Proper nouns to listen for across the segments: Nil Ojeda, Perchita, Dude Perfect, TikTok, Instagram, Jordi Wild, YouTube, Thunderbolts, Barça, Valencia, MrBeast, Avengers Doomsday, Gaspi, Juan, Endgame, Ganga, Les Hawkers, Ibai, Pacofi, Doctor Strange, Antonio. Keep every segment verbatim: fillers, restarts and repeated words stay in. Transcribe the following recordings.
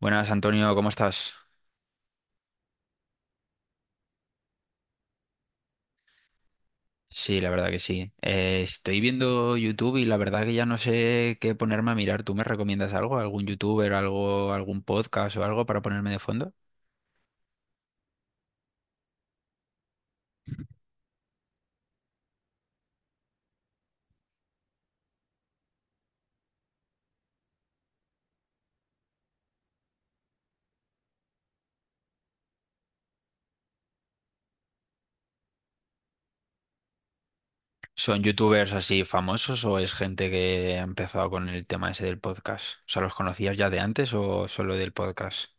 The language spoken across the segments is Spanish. Buenas, Antonio, ¿cómo estás? Sí, la verdad que sí. Eh, estoy viendo YouTube y la verdad que ya no sé qué ponerme a mirar. ¿Tú me recomiendas algo? ¿Algún youtuber, algo, algún podcast o algo para ponerme de fondo? ¿Son youtubers así famosos o es gente que ha empezado con el tema ese del podcast? O sea, ¿los conocías ya de antes o solo del podcast?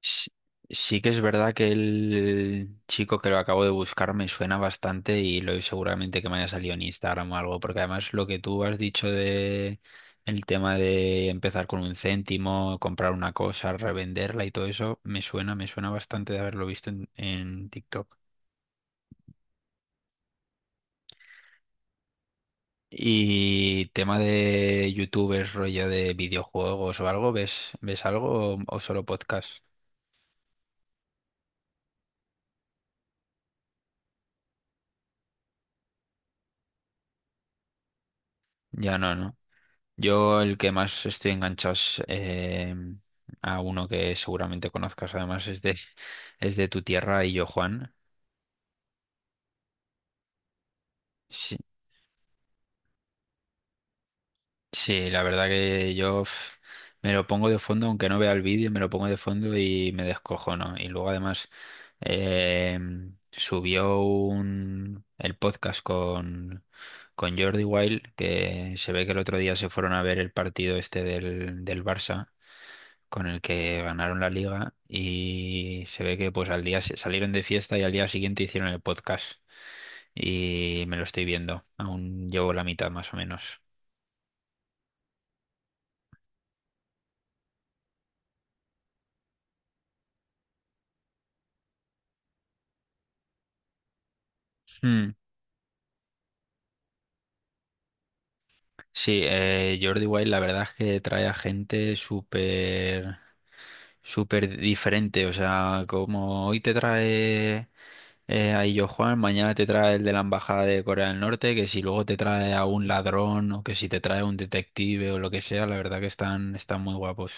Sí, sí que es verdad que el chico que lo acabo de buscar me suena bastante y lo seguramente que me haya salido en Instagram o algo, porque además lo que tú has dicho de el tema de empezar con un céntimo, comprar una cosa, revenderla y todo eso, me suena, me suena bastante de haberlo visto en, en TikTok. Y tema de youtubers, rollo de videojuegos o algo, ¿ves, ¿ves algo o o solo podcast? Ya no, ¿no? Yo el que más estoy enganchado es, em, a uno que seguramente conozcas, además es de, es de tu tierra y yo, Juan. Sí, sí, la verdad que yo pf, me lo pongo de fondo, aunque no vea el vídeo, me lo pongo de fondo y me descojono. Y luego además em, subió un, el podcast con, con Jordi Wild, que se ve que el otro día se fueron a ver el partido este del, del Barça con el que ganaron la liga y se ve que pues al día se- salieron de fiesta y al día siguiente hicieron el podcast y me lo estoy viendo. Aún llevo la mitad más o menos. Mm, Sí, eh, Jordi Wild la verdad es que trae a gente súper súper diferente, o sea, como hoy te trae eh, a Illo Juan, mañana te trae el de la Embajada de Corea del Norte, que si luego te trae a un ladrón o que si te trae a un detective o lo que sea, la verdad que están, están muy guapos.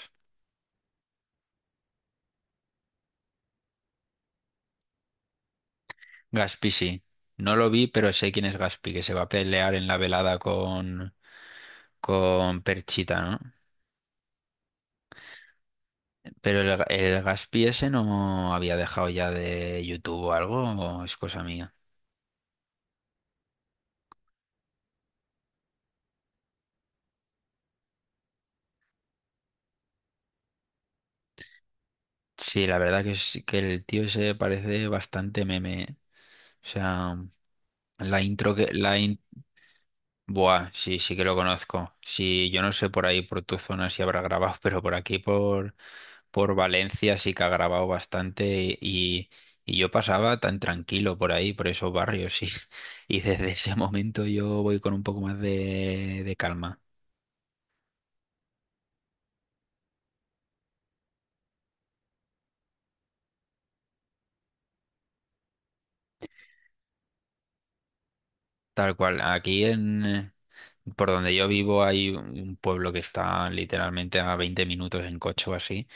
Gaspi sí. No lo vi, pero sé quién es Gaspi, que se va a pelear en la velada con, con Perchita, ¿no? Pero el, el Gaspi ese no había dejado ya de YouTube o algo, o es cosa mía. Sí, la verdad que es que el tío ese parece bastante meme, ¿eh? O sea, la intro que, la Buah, sí, sí que lo conozco. Sí, yo no sé por ahí, por tu zona, si habrá grabado, pero por aquí, por, por Valencia, sí que ha grabado bastante y, y yo pasaba tan tranquilo por ahí, por esos barrios, sí. Y desde ese momento yo voy con un poco más de, de calma. Tal cual, aquí en, eh, por donde yo vivo hay un pueblo que está literalmente a veinte minutos en coche o así,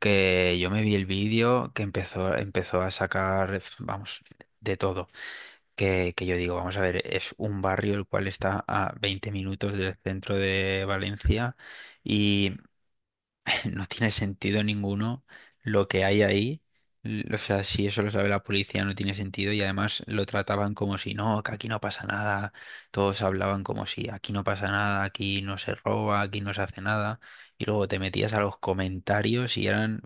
que yo me vi el vídeo que empezó, empezó a sacar, f- vamos, de todo. Que, que yo digo, vamos a ver, es un barrio el cual está a veinte minutos del centro de Valencia y no tiene sentido ninguno lo que hay ahí. L- O sea, si eso lo sabe la policía no tiene sentido y además lo trataban como si no, que aquí no pasa nada, todos hablaban como si aquí no pasa nada, aquí no se roba, aquí no se hace nada y luego te metías a los comentarios y eran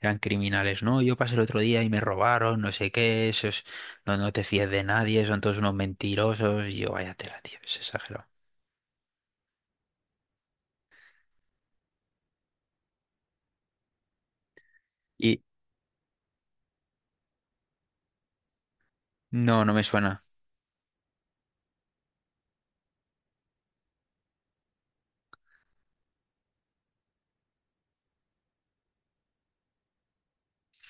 eran criminales, no, yo pasé el otro día y me robaron, no sé qué, esos, no, no te fíes de nadie, son todos unos mentirosos, y yo, vaya tela, tío, es exagerado. Y no, no me suena.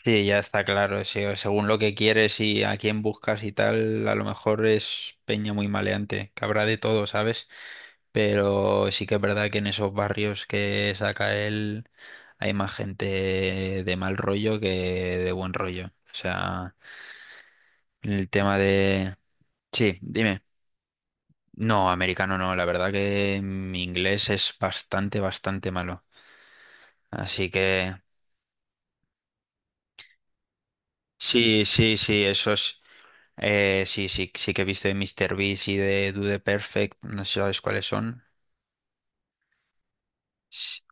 Sí, ya está claro, sí, o según lo que quieres y a quién buscas y tal, a lo mejor es peña muy maleante, que habrá de todo, ¿sabes? Pero sí que es verdad que en esos barrios que saca él hay más gente de mal rollo que de buen rollo. O sea, el tema de... Sí, dime. No, americano no, la verdad que mi inglés es bastante, bastante malo. Así que sí, sí, sí, esos, eh, sí, sí, sí que he visto de míster Beast y de Do the Perfect, no sé si sabes cuáles son. S-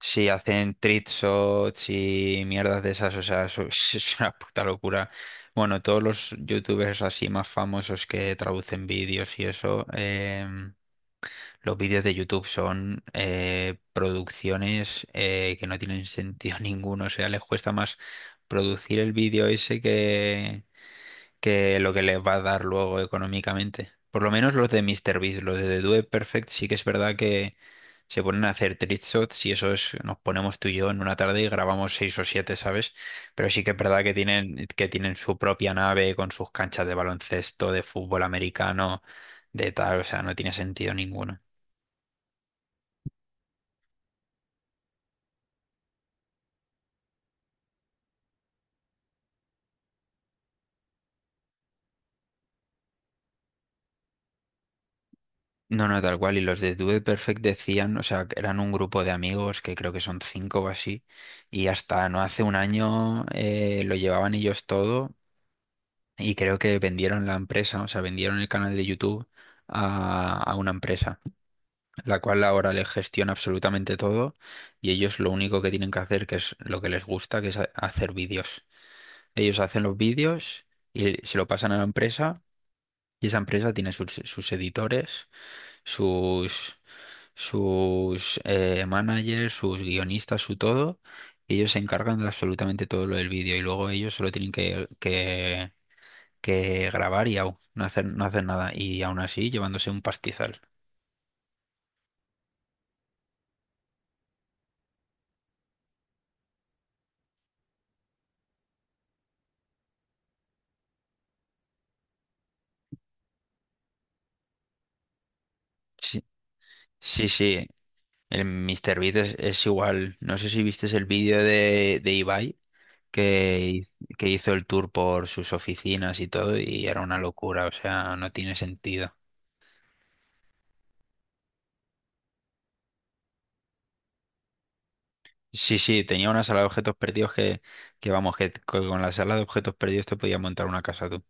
Sí, hacen treat shots y mierdas de esas, o sea, eso es es una puta locura. Bueno, todos los youtubers así más famosos que traducen vídeos y eso, em, los vídeos de YouTube son eh, producciones eh, que no tienen sentido ninguno. O sea, les cuesta más producir el vídeo ese que, que lo que les va a dar luego económicamente. Por lo menos los de MrBeast, los de The Do It Perfect, sí que es verdad que se ponen a hacer trick shots y eso es, nos ponemos tú y yo en una tarde y grabamos seis o siete, ¿sabes? Pero sí que es verdad que tienen, que tienen su propia nave con sus canchas de baloncesto, de fútbol americano, de tal. O sea, no tiene sentido ninguno. No, no, tal cual. Y los de Dude Perfect decían, o sea, que eran un grupo de amigos que creo que son cinco o así. Y hasta no hace un año eh, lo llevaban ellos todo. Y creo que vendieron la empresa, o sea, vendieron el canal de YouTube a, a una empresa, la cual ahora les gestiona absolutamente todo. Y ellos lo único que tienen que hacer, que es lo que les gusta, que es ha- hacer vídeos. Ellos hacen los vídeos y se lo pasan a la empresa. Y esa empresa tiene sus sus editores sus, sus eh, managers, sus guionistas, su todo. Y ellos se encargan de absolutamente todo lo del vídeo y luego ellos solo tienen que, que, que grabar y au, no hacer, no hacer nada. Y aún así llevándose un pastizal. Sí, sí, sí. El míster Beat es, es igual. No sé si viste el vídeo de, de Ibai que, hiz- que hizo el tour por sus oficinas y todo y era una locura. O sea, no tiene sentido. Sí, sí, tenía una sala de objetos perdidos que, que vamos, que con la sala de objetos perdidos te podías montar una casa tú.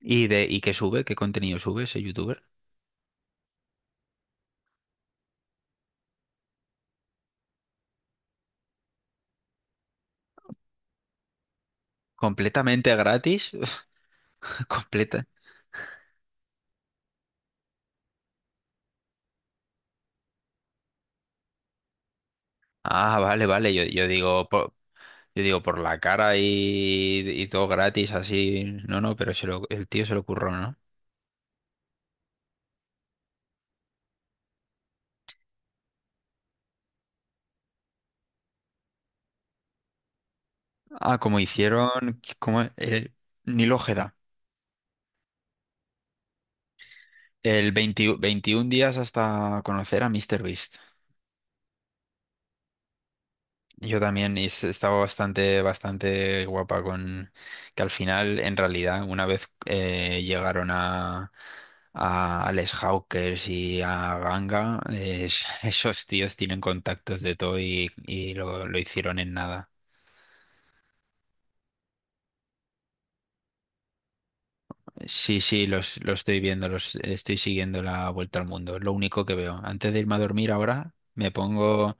¿Y de, y qué sube? ¿Qué contenido sube ese youtuber? ¿Completamente gratis? Completa. Ah, vale, vale. Yo, yo digo, por, yo digo, por la cara y, y todo gratis, así. No, no, pero se lo- el tío se lo curró, ¿no? Ah, como hicieron, como el Nil Ojeda. El 20 veintiún días hasta conocer a Mister Beast. Yo también y s- estaba bastante, bastante guapa con que al final, en realidad, una vez eh, llegaron a, a, a Les Hawkers y a Ganga, eh, es- esos tíos tienen contactos de todo y, y lo, lo hicieron en nada. Sí, sí, los, los estoy viendo, los estoy siguiendo la vuelta al mundo. Lo único que veo. Antes de irme a dormir ahora, me pongo,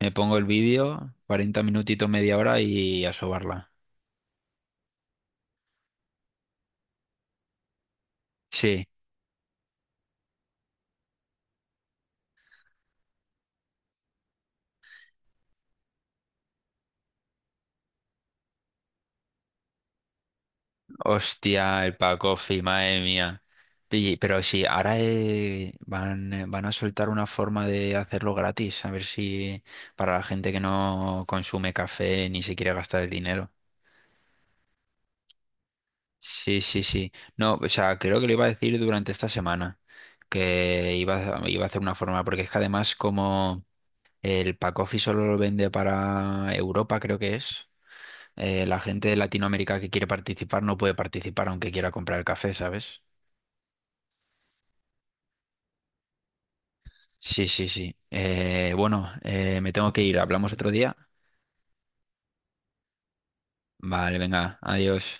me pongo el vídeo, cuarenta minutitos, media hora y a sobarla. Sí. Hostia, el Pacofi, madre mía. Y, pero sí, ahora eh, van, eh, van a soltar una forma de hacerlo gratis, a ver si para la gente que no consume café ni se quiere gastar el dinero. Sí, sí, sí. No, o sea, creo que lo iba a decir durante esta semana, que iba a, iba a hacer una forma, porque es que además como el Pacofi solo lo vende para Europa, creo que es, eh, la gente de Latinoamérica que quiere participar no puede participar aunque quiera comprar el café, ¿sabes? Sí, sí, sí. Eh, bueno, eh, me tengo que ir. Hablamos otro día. Vale, venga, adiós.